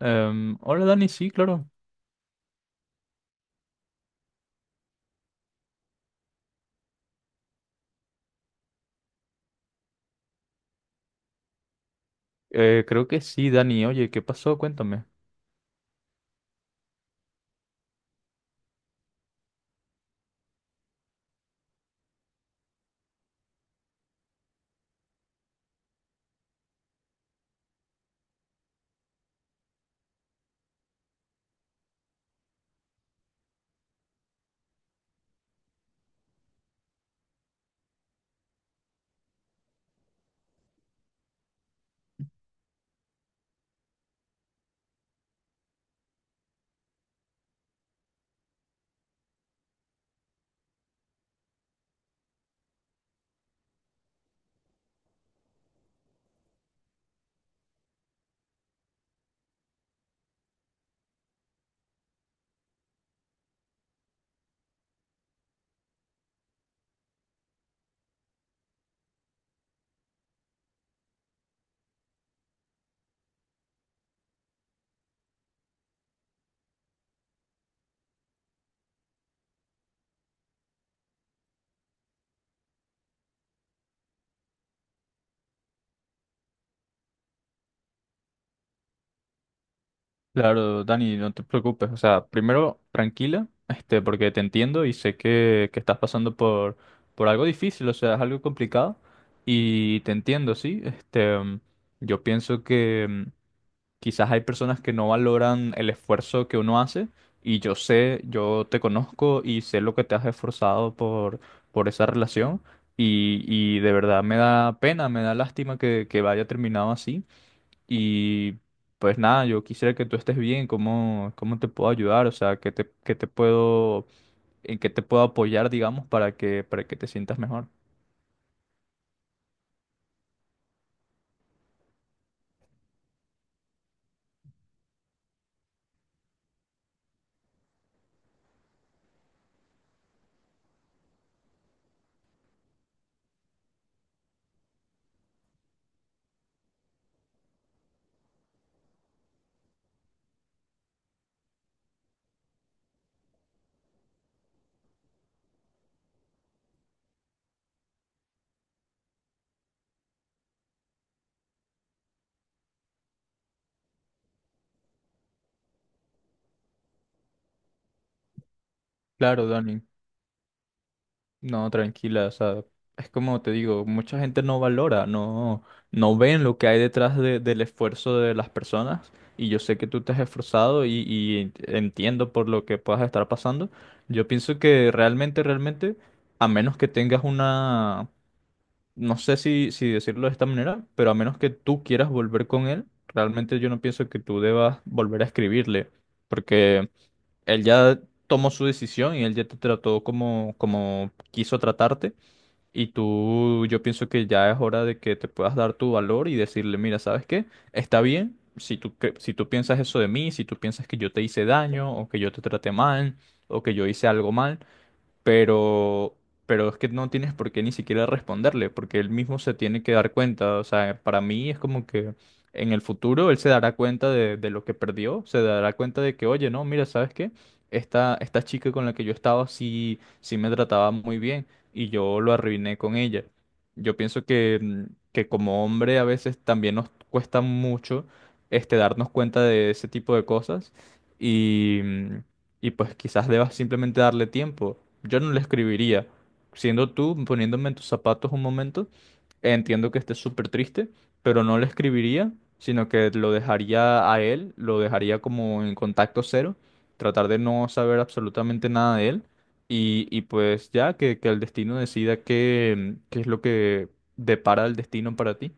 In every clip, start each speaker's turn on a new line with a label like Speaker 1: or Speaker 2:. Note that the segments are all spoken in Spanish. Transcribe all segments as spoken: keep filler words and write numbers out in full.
Speaker 1: Em, hola Dani, sí, claro. Eh, creo que sí, Dani. Oye, ¿qué pasó? Cuéntame. Claro, Dani, no te preocupes. O sea, primero, tranquila, este, porque te entiendo y sé que, que estás pasando por, por algo difícil, o sea, es algo complicado. Y te entiendo, sí. Este, em, yo pienso que, em, quizás hay personas que no valoran el esfuerzo que uno hace y yo sé, yo te conozco y sé lo que te has esforzado por, por esa relación y, y de verdad me da pena, me da lástima que, que haya terminado así y pues nada, yo quisiera que tú estés bien. ¿cómo, cómo te puedo ayudar? O sea, ¿qué te, qué te puedo, en qué te puedo apoyar, digamos, para que, para que te sientas mejor? Claro, Dani. No, tranquila, o sea, es como te digo, mucha gente no valora, no, no ven lo que hay detrás de- del esfuerzo de las personas. Y yo sé que tú te has esforzado y, y entiendo por lo que puedas estar pasando. Yo pienso que realmente, realmente, a menos que tengas una, no sé si, si decirlo de esta manera, pero a menos que tú quieras volver con él, realmente yo no pienso que tú debas volver a escribirle, porque él ya tomó su decisión y él ya te trató como, como quiso tratarte. Y tú, yo pienso que ya es hora de que te puedas dar tu valor y decirle, mira, ¿sabes qué? Está bien si tú, cre- si tú piensas eso de mí, si tú piensas que yo te hice daño o que yo te traté mal o que yo hice algo mal pero, pero es que no tienes por qué ni siquiera responderle, porque él mismo se tiene que dar cuenta. O sea, para mí es como que en el futuro él se dará cuenta de, de lo que perdió, se dará cuenta de que, oye, no, mira, ¿sabes qué? Esta, esta chica con la que yo estaba sí, sí me trataba muy bien y yo lo arruiné con ella. Yo pienso que, mm, que como hombre a veces también nos cuesta mucho este, darnos cuenta de ese tipo de cosas. y mm, y pues quizás debas simplemente darle tiempo. Yo no le escribiría. Siendo tú, poniéndome en tus zapatos un momento, entiendo que estés súper triste, pero no le escribiría, sino que lo dejaría a él, lo dejaría como en contacto cero, tratar de no saber absolutamente nada de él. Y, y pues ya que, que el destino decida qué, qué es lo que depara el destino para ti.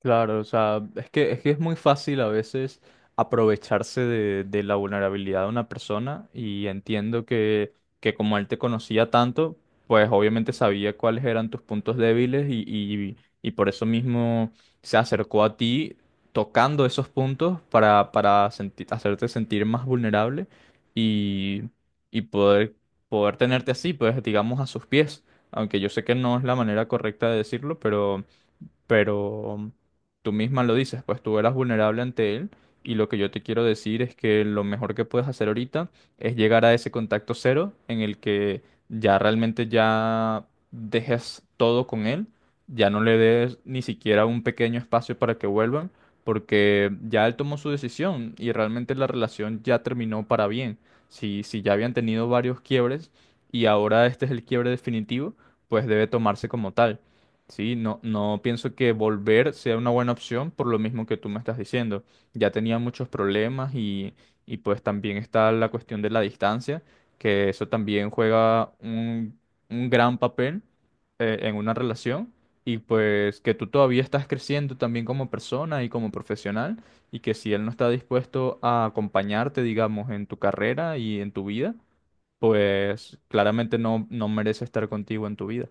Speaker 1: Claro, o sea, es que, es que es muy fácil a veces aprovecharse de, de la vulnerabilidad de una persona y entiendo que, que como él te conocía tanto, pues obviamente sabía cuáles eran tus puntos débiles y, y- y por eso mismo se acercó a ti tocando esos puntos para, para senti- hacerte sentir más vulnerable y, y poder, poder tenerte así, pues digamos a sus pies, aunque yo sé que no es la manera correcta de decirlo, pero tú misma lo dices, pues tú eras vulnerable ante él y lo que yo te quiero decir es que lo mejor que puedes hacer ahorita es llegar a ese contacto cero en el que ya realmente ya dejes todo con él, ya no le des ni siquiera un pequeño espacio para que vuelvan, porque ya él tomó su decisión y realmente la relación ya terminó para bien. Si, si ya habían tenido varios quiebres y ahora este es el quiebre definitivo, pues debe tomarse como tal. Sí, no, no pienso que volver sea una buena opción por lo mismo que tú me estás diciendo. Ya tenía muchos problemas y, y pues también está la cuestión de la distancia, que eso también juega un, un gran papel eh, en una relación y pues que tú todavía estás creciendo también como persona y como profesional y que si él no está dispuesto a acompañarte, digamos, en tu carrera y en tu vida, pues claramente no, no merece estar contigo en tu vida.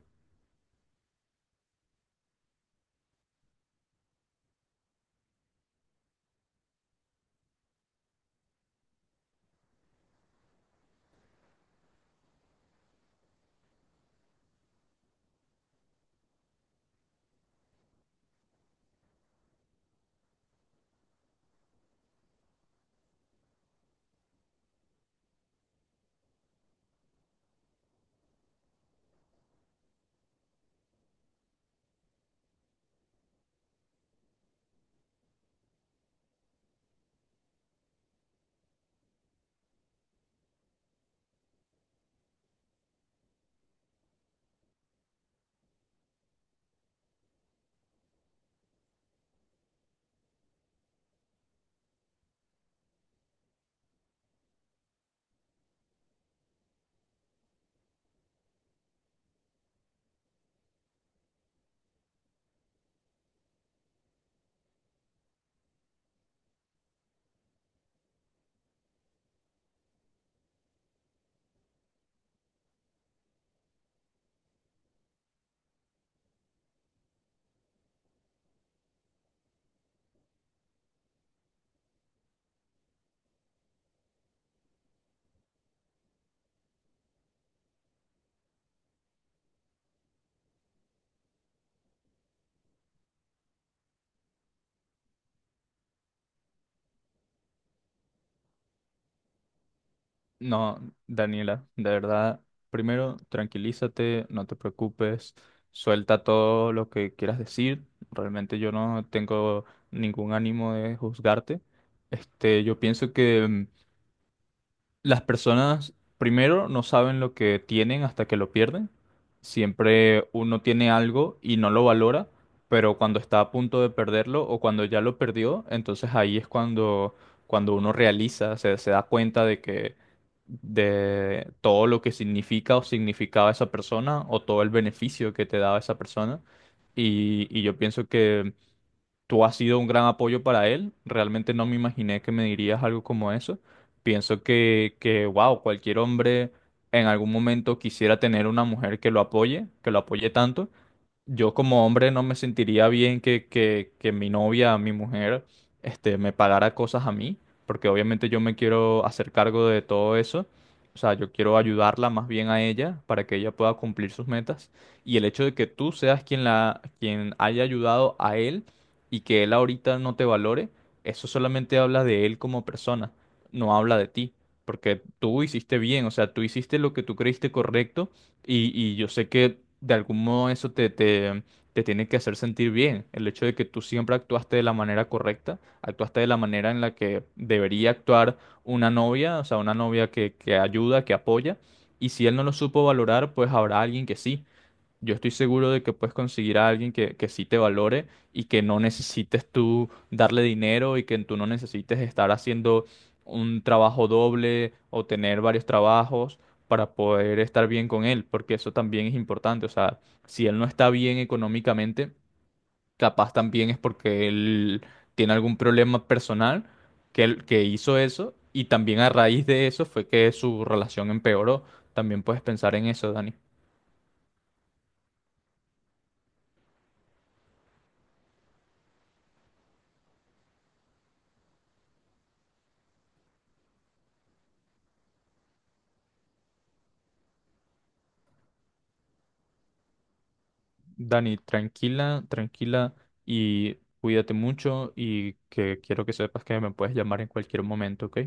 Speaker 1: No, Daniela, de verdad, primero tranquilízate, no te preocupes, suelta todo lo que quieras decir. Realmente yo no tengo ningún ánimo de juzgarte. Este, yo pienso que mm, las personas primero no saben lo que tienen hasta que lo pierden. Siempre uno tiene algo y no lo valora, pero cuando está a punto de perderlo o cuando ya lo perdió, entonces ahí es cuando, cuando uno realiza, se, se da cuenta de que de todo lo que significa o significaba esa persona o todo el beneficio que te daba esa persona. Y, y yo pienso que tú has sido un gran apoyo para él. Realmente no me imaginé que me dirías algo como eso. Pienso que, que, wow, cualquier hombre en algún momento quisiera tener una mujer que lo apoye, que lo apoye tanto. Yo como hombre no me sentiría bien que, que, que mi novia, mi mujer, este, me pagara cosas a mí, porque obviamente yo me quiero hacer cargo de todo eso. O sea, yo quiero ayudarla más bien a ella para que ella pueda cumplir sus metas. Y el hecho de que tú seas quien la, quien haya ayudado a él y que él ahorita no te valore, eso solamente habla de él como persona, no habla de ti. Porque tú hiciste bien, o sea, tú hiciste lo que tú creíste correcto y, y yo sé que de algún modo eso te, te, te tiene que hacer sentir bien. El hecho de que tú siempre actuaste de la manera correcta, actuaste de la manera en la que debería actuar una novia, o sea, una novia que, que ayuda, que apoya. Y si él no lo supo valorar, pues habrá alguien que sí. Yo estoy seguro de que puedes conseguir a alguien que, que sí te valore y que no necesites tú darle dinero y que tú no necesites estar haciendo un trabajo doble o tener varios trabajos para poder estar bien con él, porque eso también es importante. O sea, si él no está bien económicamente, capaz también es porque él tiene algún problema personal que, él- que hizo eso y también a raíz de eso fue que su relación empeoró. También puedes pensar en eso, Dani. Dani, tranquila, tranquila y cuídate mucho y que quiero que sepas que me puedes llamar en cualquier momento, ¿ok?